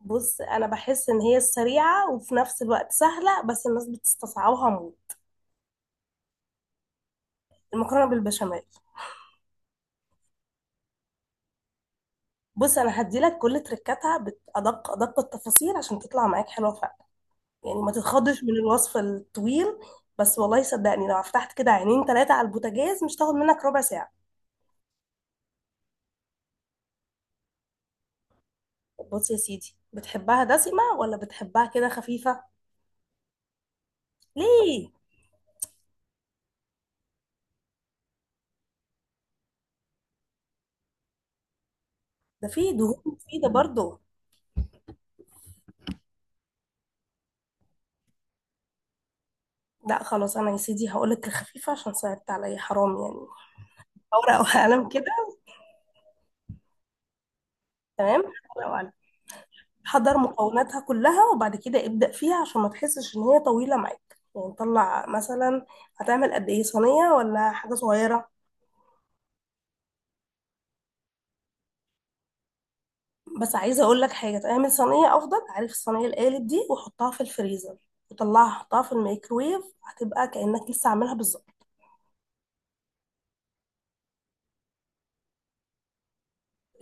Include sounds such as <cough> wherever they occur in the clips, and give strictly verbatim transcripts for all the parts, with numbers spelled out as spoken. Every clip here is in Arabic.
بص انا بحس ان هي سريعه وفي نفس الوقت سهله بس الناس بتستصعبها موت. المكرونه بالبشاميل. بص انا هديلك كل تركاتها بادق ادق التفاصيل عشان تطلع معاك حلوه فعلا، يعني ما تتخضش من الوصف الطويل. بس والله صدقني لو فتحت كده عينين ثلاثه على البوتاجاز مش تاخد منك ربع ساعه. بص يا سيدي، بتحبها دسمه ولا بتحبها كده خفيفه؟ ليه؟ ده في دهون مفيده برضه. لا خلاص، انا يا سيدي هقولك الخفيفه عشان صعبت عليا حرام يعني. ورقه وقلم كده. تمام، ورقة وقلم. حضر مكوناتها كلها وبعد كده ابدأ فيها عشان ما تحسش ان هي طويلة معاك، يعني طلع مثلا، هتعمل قد ايه، صينية ولا حاجة صغيرة؟ بس عايزة اقول لك حاجة، تعمل صينية افضل. عارف الصينية القالب دي؟ وحطها في الفريزر وطلعها حطها في الميكرويف، هتبقى كأنك لسه عاملها بالظبط.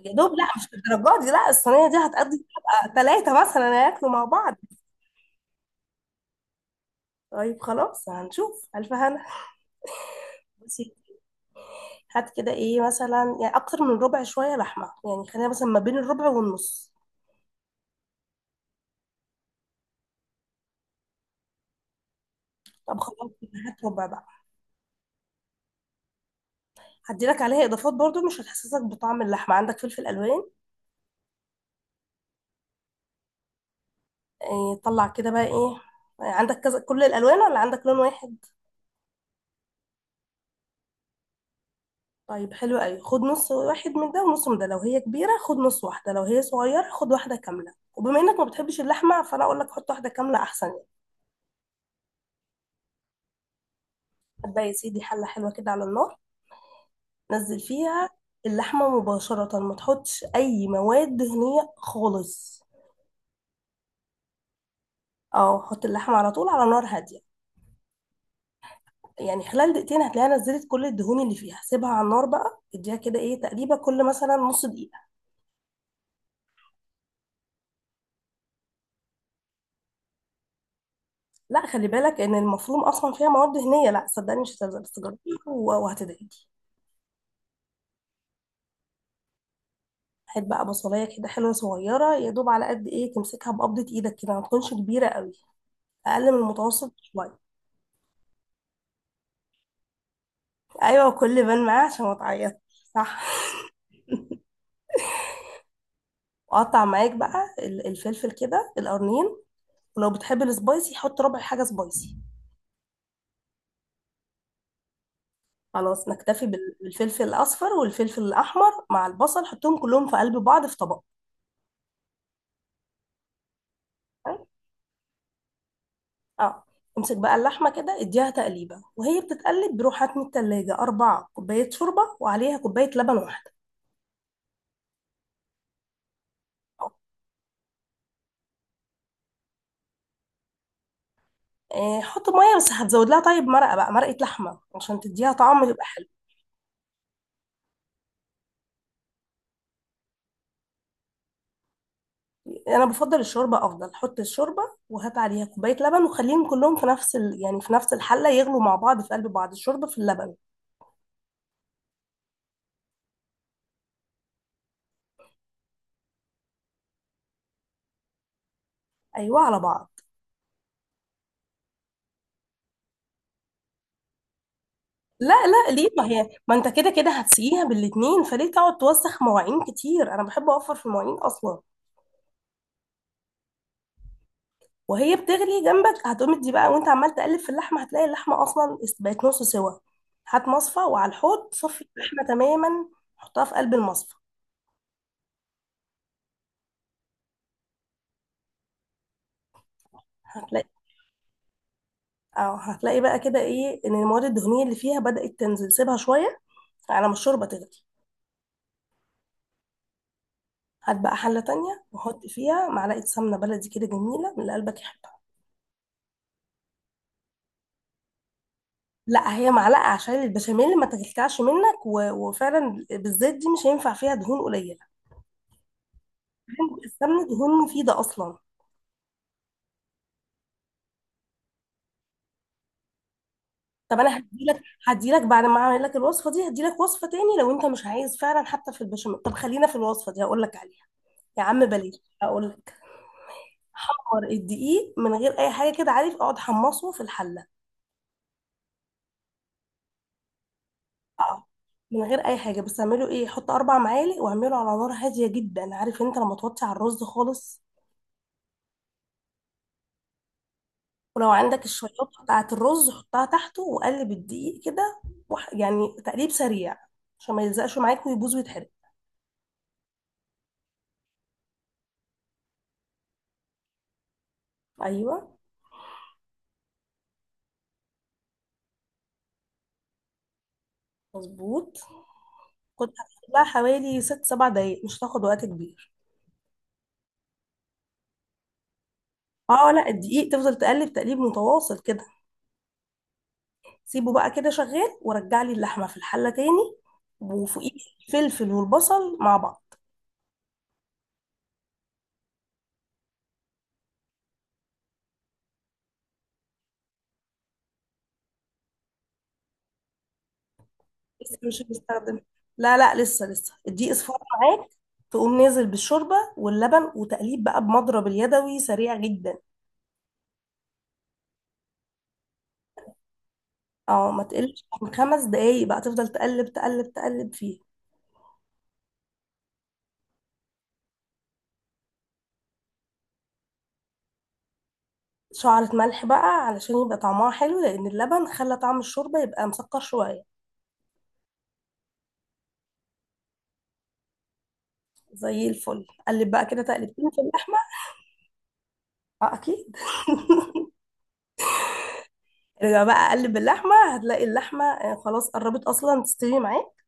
يا دوب لا، مش الدرجات دي، لا الصينية دي هتقضي ثلاثة مثلا هياكلوا مع بعض. طيب خلاص، هنشوف ألف هنا. بصي، هات كده ايه مثلا، يعني أكتر من ربع شوية لحمة، يعني خلينا مثلا ما بين الربع والنص. طب خلاص، هات ربع بقى. هدي لك عليها اضافات برضو مش هتحسسك بطعم اللحمه. عندك فلفل الوان؟ إيه طلع كده بقى ايه؟ آه، عندك كذا كل الالوان ولا عندك لون واحد؟ طيب حلو قوي، خد نص واحد من ده ونص من ده، لو هي كبيره خد نص واحده، لو هي صغيره خد واحده كامله، وبما انك ما بتحبش اللحمه فانا اقول لك حط واحده كامله احسن يعني. هتبقى يا سيدي حله حلوه كده على النار، نزل فيها اللحمه مباشره، ما تحطش اي مواد دهنيه خالص. اه حط اللحمه على طول على نار هاديه. يعني خلال دقيقتين هتلاقيها نزلت كل الدهون اللي فيها، سيبها على النار بقى، اديها كده ايه تقليبه كل مثلا نص دقيقه. لا خلي بالك ان المفروم اصلا فيها مواد دهنيه، لا صدقني مش هتلزق، بس جربي. و- وهتدعي. هات بقى بصلايه كده حلوه صغيره، يا دوب على قد ايه تمسكها بقبضه ايدك كده، ما تكونش كبيره قوي، اقل من المتوسط شويه. ايوه كل بان معاه عشان ما تعيط. صح. وقطع معاك بقى ال- الفلفل كده القرنين، ولو بتحب السبايسي حط ربع حاجه سبايسي. خلاص نكتفي بال- بالفلفل الاصفر والفلفل الاحمر مع البصل، حطهم كلهم في قلب بعض في طبق. تمام؟ اه. امسك بقى اللحمه كده اديها تقليبه، وهي بتتقلب روح هات من التلاجة أربع كوبايات شوربه وعليها كوبايه لبن واحده. آه، آه، حط ميه بس هتزود لها، طيب مرقه بقى، مرقه لحمه عشان تديها طعم يبقى حلو. انا بفضل الشوربه، افضل حط الشوربه وهات عليها كوبايه لبن وخليهم كلهم في نفس ال... يعني في نفس الحله يغلوا مع بعض في قلب بعض، الشوربه في اللبن. ايوه على بعض. لا لا، ليه؟ ما هي ما انت كده كده هتسقيها بالاتنين، فليه تقعد توسخ مواعين كتير؟ انا بحب اوفر في المواعين اصلا. وهي بتغلي جنبك هتقوم دي بقى، وانت عمال تقلب في اللحمه هتلاقي اللحمه اصلا بقت نص سوا. هات مصفى وعلى الحوض صفي اللحمه تماما، حطها في قلب المصفى. هتلاقي، اه هتلاقي بقى كده ايه ان المواد الدهنيه اللي فيها بدأت تنزل، سيبها شويه على ما الشوربه تغلي. هات بقى حله تانية وحط فيها معلقه سمنه بلدي كده جميله من اللي قلبك يحبها. لا هي معلقه عشان البشاميل ما تكلكعش منك، و... وفعلا بالذات دي مش هينفع فيها دهون قليله، السمنه دهون مفيده اصلا. طب انا هديلك، هديلك بعد ما اعمل لك الوصفه دي هديلك وصفه تاني لو انت مش عايز فعلا حتى في البشاميل. طب خلينا في الوصفه دي هقول لك عليها. يا عم بلاش. هقول لك، حمر الدقيق من غير اي حاجه كده، عارف اقعد حمصه في الحله. اه من غير اي حاجه، بس اعمله ايه، حط اربع معالق واعمله على نار هاديه جدا، عارف انت لما توطي على الرز خالص؟ ولو عندك الشويات بتاعة الرز حطها تحته وقلب الدقيق كده، وح... يعني تقليب سريع عشان ما يلزقش معاك ويبوظ ويتحرق. ايوه مظبوط. كنت هتقلبها حوالي ست سبع دقايق، مش هتاخد وقت كبير. اه لا، الدقيق تفضل تقلب تقليب متواصل كده. سيبه بقى كده شغال، ورجع لي اللحمة في الحلة تاني وفوقيه الفلفل والبصل مع بعض. لسه مش هنستخدم، لا لا لسه، لسه الدقيق اصفر معاك. تقوم نازل بالشوربة واللبن وتقليب بقى بمضرب اليدوي سريع جدا. اه، ما تقلش عن خمس دقايق بقى، تفضل تقلب تقلب تقلب فيه شعرة ملح بقى علشان يبقى طعمها حلو، لأن اللبن خلى طعم الشوربة يبقى مسكر شوية. زي الفل، قلب بقى كده تقلبتين في اللحمة. اه أكيد. <laughs> ارجع بقى قلب اللحمة هتلاقي اللحمة آه، خلاص قربت أصلا تستوي معاك.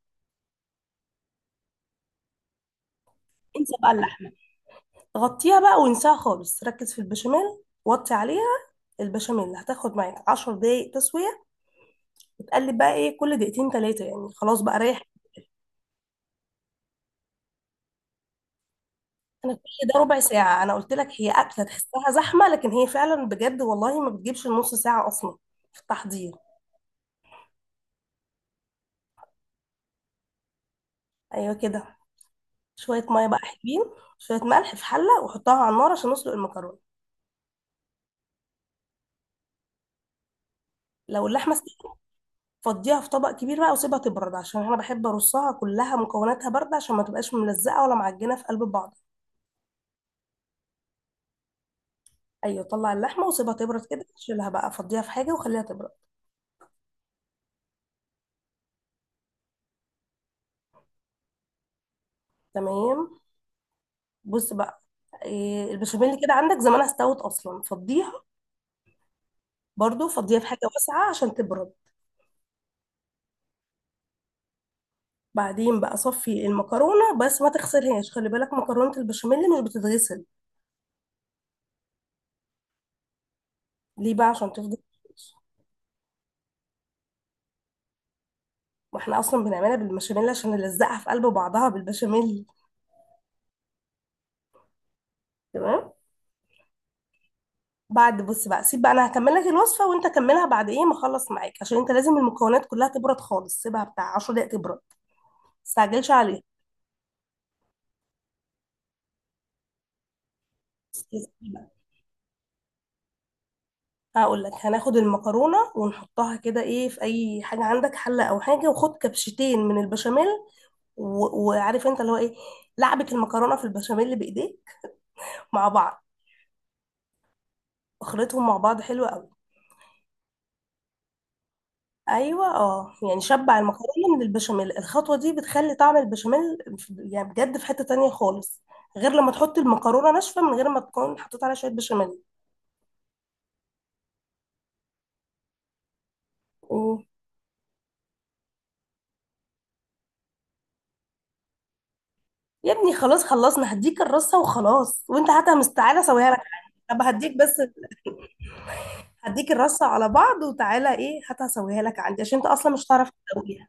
انسى بقى اللحمة، غطيها بقى وانساها خالص، ركز في البشاميل وطي عليها. البشاميل هتاخد معاك عشر دقايق تسوية، تقلب بقى ايه كل دقيقتين تلاتة، يعني خلاص بقى ريح. انا كل ده ربع ساعة، انا قلت لك هي اكلة تحسها زحمة لكن هي فعلا بجد والله ما بتجيبش النص ساعة اصلا في التحضير. ايوه كده. شوية مية بقى حلوين، شوية ملح في حلة وحطها على النار عشان نسلق المكرونة. لو اللحمة استوت فضيها في طبق كبير بقى وسيبها تبرد، عشان انا بحب ارصها كلها مكوناتها باردة عشان ما تبقاش ملزقة ولا معجنة في قلب بعض. ايوه طلع اللحمة وسيبها تبرد كده، شيلها بقى فضيها في حاجة وخليها تبرد. تمام. بص بقى، إيه، البشاميل كده عندك زمانها استوت اصلا، فضيها. برضو فضيها في حاجة واسعة عشان تبرد. بعدين بقى صفي المكرونة، بس ما تغسلهاش، خلي بالك مكرونة البشاميل مش بتتغسل. ليه بقى؟ عشان تفضل فريش. واحنا اصلا بنعملها بالبشاميل عشان نلزقها في قلب بعضها بالبشاميل. تمام. بعد بص بقى، سيب بقى انا هكمل لك الوصفة وانت كملها بعد ايه ما اخلص معاك، عشان انت لازم المكونات كلها تبرد خالص، سيبها بتاع عشر دقايق تبرد، ما تستعجلش عليها. هقول لك، هناخد المكرونه ونحطها كده ايه في اي حاجه عندك، حله او حاجه، وخد كبشتين من البشاميل. و- وعارف انت اللي هو ايه، لعبة المكرونة في البشاميل اللي بايديه مع بعض، خلطهم مع بعض حلوة قوي. ايوه اه، يعني شبع المكرونة من البشاميل، الخطوة دي بتخلي طعم البشاميل في- يعني بجد في حتة تانية خالص، غير لما تحط المكرونة ناشفة من غير ما تكون حطيت عليها شوية بشاميل. أوه. يا ابني خلاص خلصنا، هديك الرصة وخلاص، وانت هاتها مستعجلة اسويها لك عندي. طب هديك بس، هديك الرصة على بعض وتعالى ايه هاتها اسويها لك عندي، عشان انت اصلا مش هتعرف تسويها.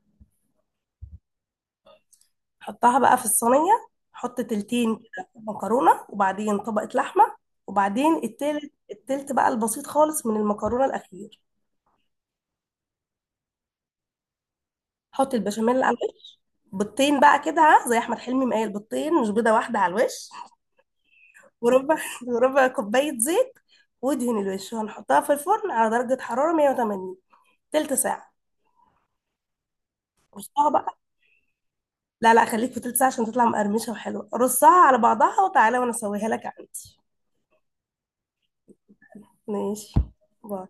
حطها بقى في الصينية، حط تلتين كده مكرونة وبعدين طبقة لحمة، وبعدين التالت، التلت بقى البسيط خالص من المكرونة الأخير. حط البشاميل على الوش، بيضتين بقى كده، ها، زي أحمد حلمي مقايل بيضتين مش بيضة واحدة على الوش. وربع <laughs> وربع كوباية زيت، وادهن الوش، وهنحطها في الفرن على درجة حرارة مية وتمانين تلت ساعة. رصها بقى. لا لا، خليك في تلت ساعة عشان تطلع مقرمشة وحلوة، رصها على بعضها وتعالى وأنا أسويها لك عندي. ماشي. باي.